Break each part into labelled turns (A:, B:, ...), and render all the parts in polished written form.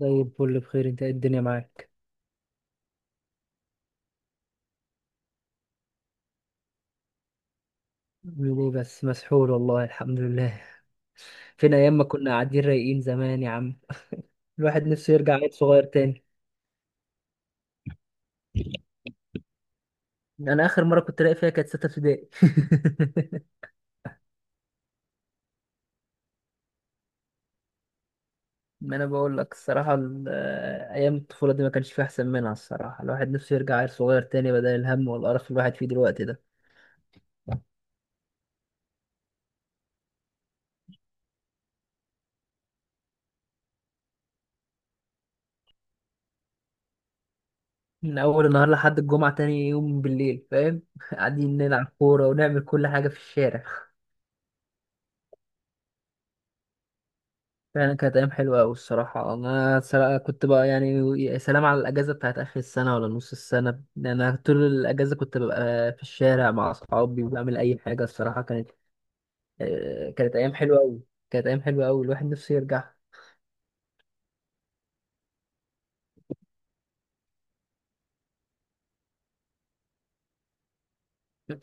A: زي الفل، بخير. انت ايه الدنيا معاك؟ عامل ايه بس مسحول والله. الحمد لله. فين ايام ما كنا قاعدين رايقين زمان يا عم. الواحد نفسه يرجع عيل صغير تاني. انا اخر مره كنت رايق فيها كانت سته ابتدائي. ما انا بقول لك الصراحه. ايام الطفوله دي ما كانش فيها احسن منها الصراحه. الواحد نفسه يرجع عيل صغير تاني بدل الهم والقرف اللي الواحد فيه دلوقتي ده. من اول النهار لحد الجمعه تاني يوم بالليل، فاهم؟ قاعدين نلعب كوره ونعمل كل حاجه في الشارع. فعلا كانت أيام حلوة أوي الصراحة. كنت بقى يعني، يا سلام على الأجازة بتاعت آخر السنة ولا نص السنة. أنا طول الأجازة كنت ببقى في الشارع مع أصحابي وبعمل أي حاجة الصراحة. كانت أيام حلوة أوي. كانت أيام حلوة أوي الواحد نفسه يرجع.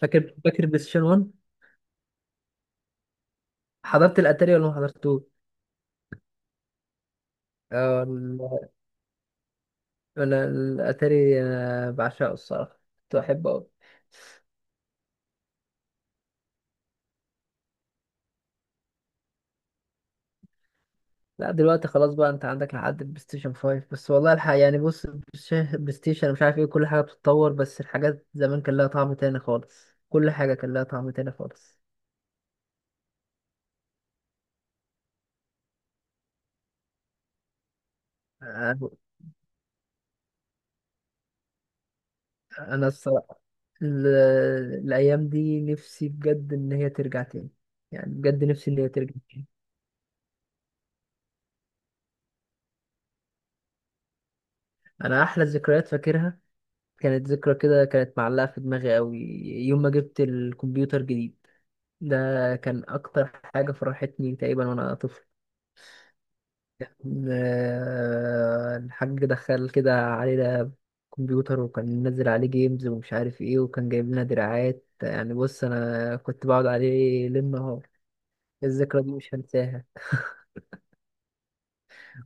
A: فاكر بلاي ستيشن 1. حضرت الأتاري ولا ما حضرتوش؟ آه، ال- أنا الأتاري، أنا بعشقه الصراحة، كنت بحبه أوي. لا دلوقتي خلاص بقى، انت عندك لحد البلاي ستيشن 5 بس. والله الحق يعني، بص البلاي ستيشن مش عارف ايه، كل حاجه بتتطور، بس الحاجات زمان كان لها طعم تاني خالص. كل حاجه كان لها طعم تاني خالص. انا أنا الصراحه ال- الايام دي نفسي بجد ان هي ترجع تاني. يعني بجد نفسي ان هي ترجع تاني. انا احلى ذكريات فاكرها، كانت ذكرى كده كانت معلقه في دماغي قوي. يوم ما جبت الكمبيوتر جديد، ده كان اكتر حاجه فرحتني تقريبا وانا طفل. الحاج دخل كده علينا كمبيوتر، وكان منزل عليه جيمز ومش عارف ايه، وكان جايب لنا دراعات. يعني بص انا كنت بقعد عليه ليل نهار. الذكرى دي مش هنساها،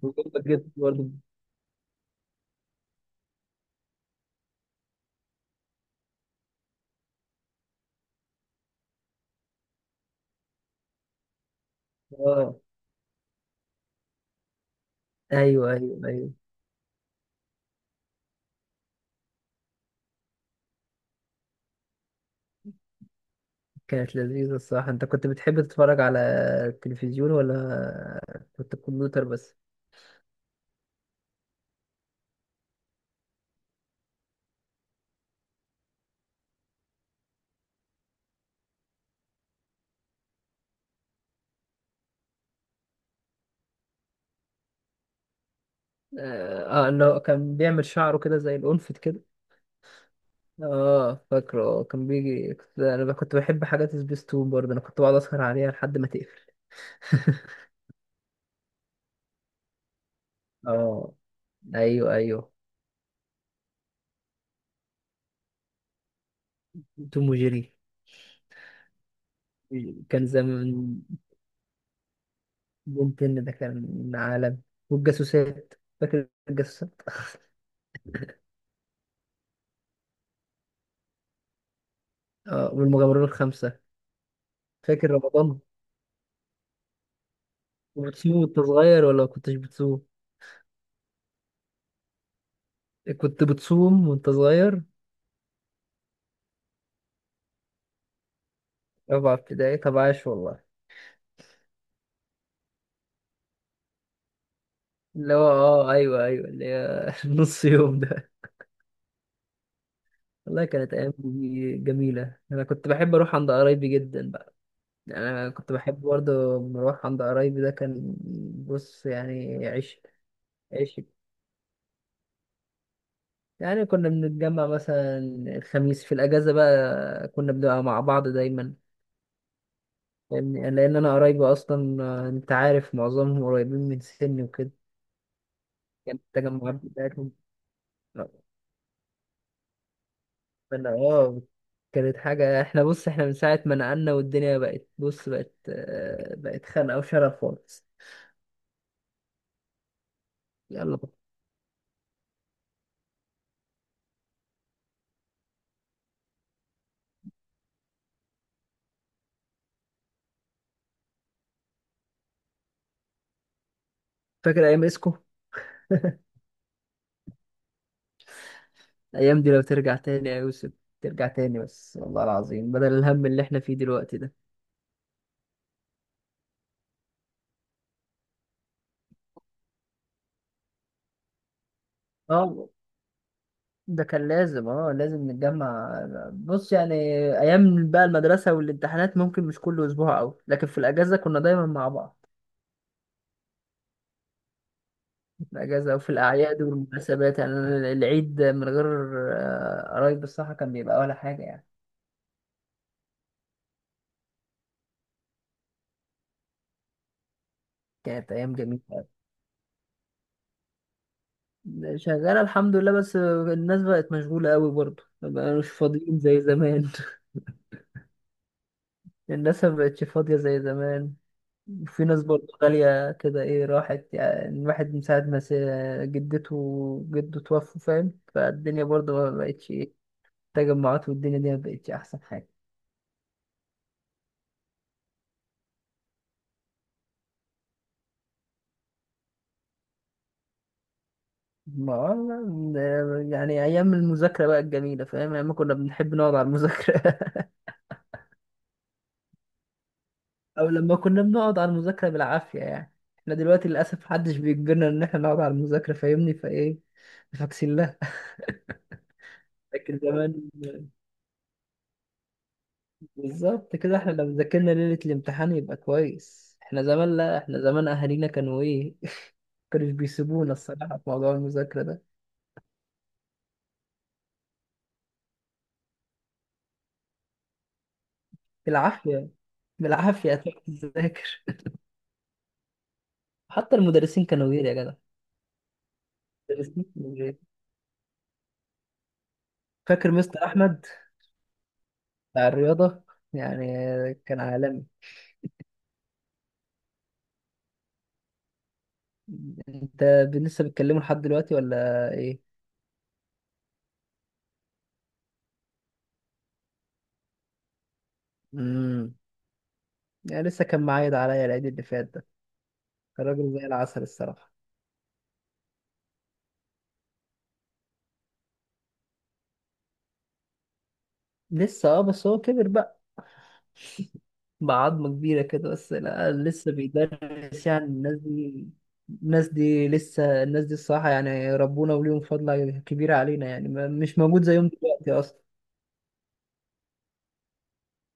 A: وجنبك جدا برضه. اه، ايوه ايوه ايوه. كانت لذيذة الصراحة. انت كنت بتحب تتفرج على التلفزيون ولا كنت الكمبيوتر بس؟ اه، اللي هو كان بيعمل شعره كده زي الأنفت. اه فاكره. كان بيجي، انا كنت بحب حاجات سبيستون برضه. انا كنت بقعد اسهر عليها لحد ما تقفل. اه ايوه ايوه. توم وجيري. كان زمان بنتن ده كان عالم، والجاسوسات. فاكر الجاسوسات؟ اه، والمغامرون الخمسة. فاكر رمضان، وبتصوم وانت صغير ولا ما كنتش بتصوم؟ كنت بتصوم وانت صغير؟ رابعة ابتدائي، طب عاش والله. اللي هو اه ايوه ايوه، اللي هي نص يوم ده. والله كانت أيام دي جميلة. أنا كنت بحب أروح عند قرايبي جدا بقى. يعني أنا كنت بحب برضه لما أروح عند قرايبي. ده كان بص يعني عشق عشق. يعني كنا بنتجمع مثلا الخميس في الأجازة بقى، كنا بنبقى مع بعض دايما. فاهمني؟ لأن أنا قرايبي أصلا، أنت عارف معظمهم قريبين من سني وكده. كانت التجمعات بتاعتهم. أنا آه، كانت حاجة. احنا بص، احنا من ساعة ما نقلنا والدنيا بقت، بص بقت خانقة وشرف خالص. يلا، فاكر ايام اسكو؟ الايام دي لو ترجع تاني يا يوسف، ترجع تاني بس، والله العظيم، بدل الهم اللي احنا فيه دلوقتي ده. اه، ده كان لازم. اه لازم نتجمع. بص يعني ايام بقى المدرسه والامتحانات ممكن مش كل اسبوع او، لكن في الاجازه كنا دايما مع بعض. في الاجازه وفي الاعياد والمناسبات. يعني أنا العيد من غير قرايب الصحه كان بيبقى ولا حاجه يعني. كانت ايام جميله. شغاله الحمد لله، بس الناس بقت مشغوله قوي برضه، ما بقوش فاضيين زي زمان. الناس ما بقتش فاضية زي زمان. وفي ناس برضه غالية كده ايه راحت. يعني الواحد من ساعة ما جدته وجده توفوا، فاهم، فالدنيا برضه ما بقتش ايه. التجمعات والدنيا دي ما بقتش أحسن حاجة. ما والله، يعني أيام المذاكرة بقى الجميلة، فاهم، أيام ما كنا بنحب نقعد على المذاكرة. أو لما كنا بنقعد على المذاكرة بالعافية يعني. احنا دلوقتي للأسف محدش بيجبرنا إن احنا نقعد على المذاكرة، فاهمني، فايه فاكسين لها. لكن زمان بالظبط كده، احنا لو ذاكرنا ليلة الامتحان يبقى كويس. احنا زمان لا، احنا زمان اهالينا كانوا ايه. كانوا بيسيبونا الصراحة في موضوع المذاكرة ده. بالعافية، بالعافية هتروح تذاكر. حتى المدرسين كانوا غير يا جدع. المدرسين كانوا غير. فاكر مستر احمد بتاع الرياضة؟ يعني كان عالمي. انت لسه بتكلمه لحد دلوقتي ولا ايه؟ امم يعني لسه كان معايد عليا العيد اللي فات ده. كان راجل زي العسل الصراحة. لسه اه، بس هو كبر بقى بعظمة كبيرة كده. بس لا لسه بيدرس. يعني الناس دي، الناس دي لسه الناس دي الصراحة، يعني ربنا وليهم فضل كبير علينا يعني، مش موجود زيهم دلوقتي أصلا.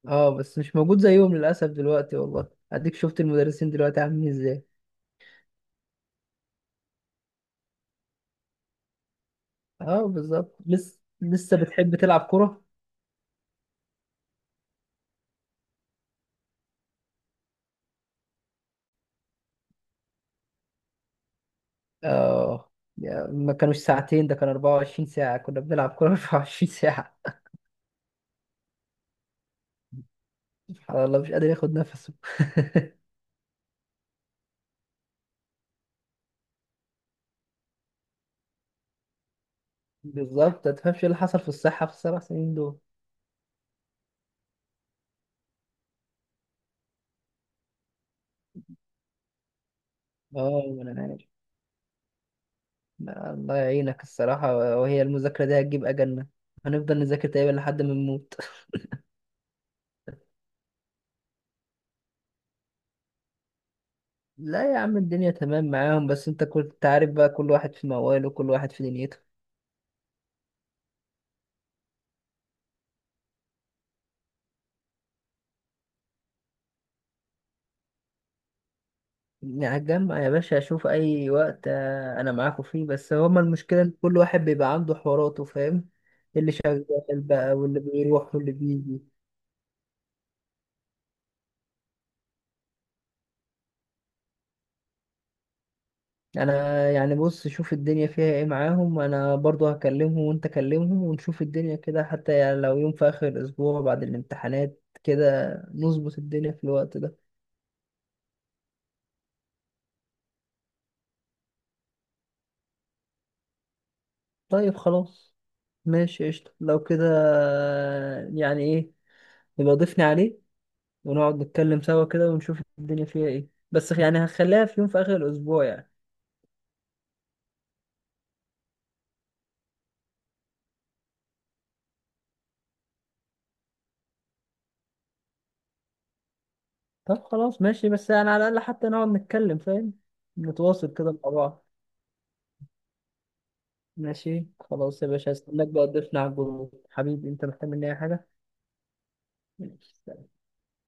A: اه، بس مش موجود زيهم للأسف دلوقتي والله. أديك شفت المدرسين دلوقتي عاملين ازاي. اه بالظبط. لسه بتحب تلعب كرة؟ اه ما كانوش ساعتين، ده كان 24 ساعة كنا بنلعب كرة. 24 ساعة. سبحان الله، مش قادر ياخد نفسه. بالظبط. ما تفهمش ايه اللي حصل في الصحة في السبع سنين دول. اه ما انا عارف. لا، الله يعينك الصراحة. وهي المذاكرة دي هتجيب أجلنا، هنفضل نذاكر تقريبا لحد ما نموت. لا يا عم، الدنيا تمام معاهم، بس انت كنت عارف بقى، كل واحد في مواله، كل واحد في دنيته. يعني هتجمع يا باشا اشوف اي وقت، انا معاكم فيه. بس هما المشكلة ان كل واحد بيبقى عنده حواراته، فاهم؟ اللي شغال بقى، واللي بيروح، واللي بيجي. انا يعني بص، شوف الدنيا فيها ايه معاهم. انا برضو هكلمهم وانت كلمهم ونشوف الدنيا كده. حتى يعني لو يوم في اخر الاسبوع بعد الامتحانات كده نظبط الدنيا في الوقت ده. طيب خلاص ماشي، قشطة لو كده. يعني ايه، يبقى ضيفني عليه ونقعد نتكلم سوا كده ونشوف الدنيا فيها ايه. بس يعني هخليها في يوم في اخر الاسبوع يعني. طب خلاص ماشي، بس يعني على الاقل حتى نقعد نتكلم، فاهم، نتواصل كده مع بعض. ماشي خلاص يا باشا، هستناك بقى تضيفنا على الجروب. حبيبي، انت محتاج مني اي حاجة؟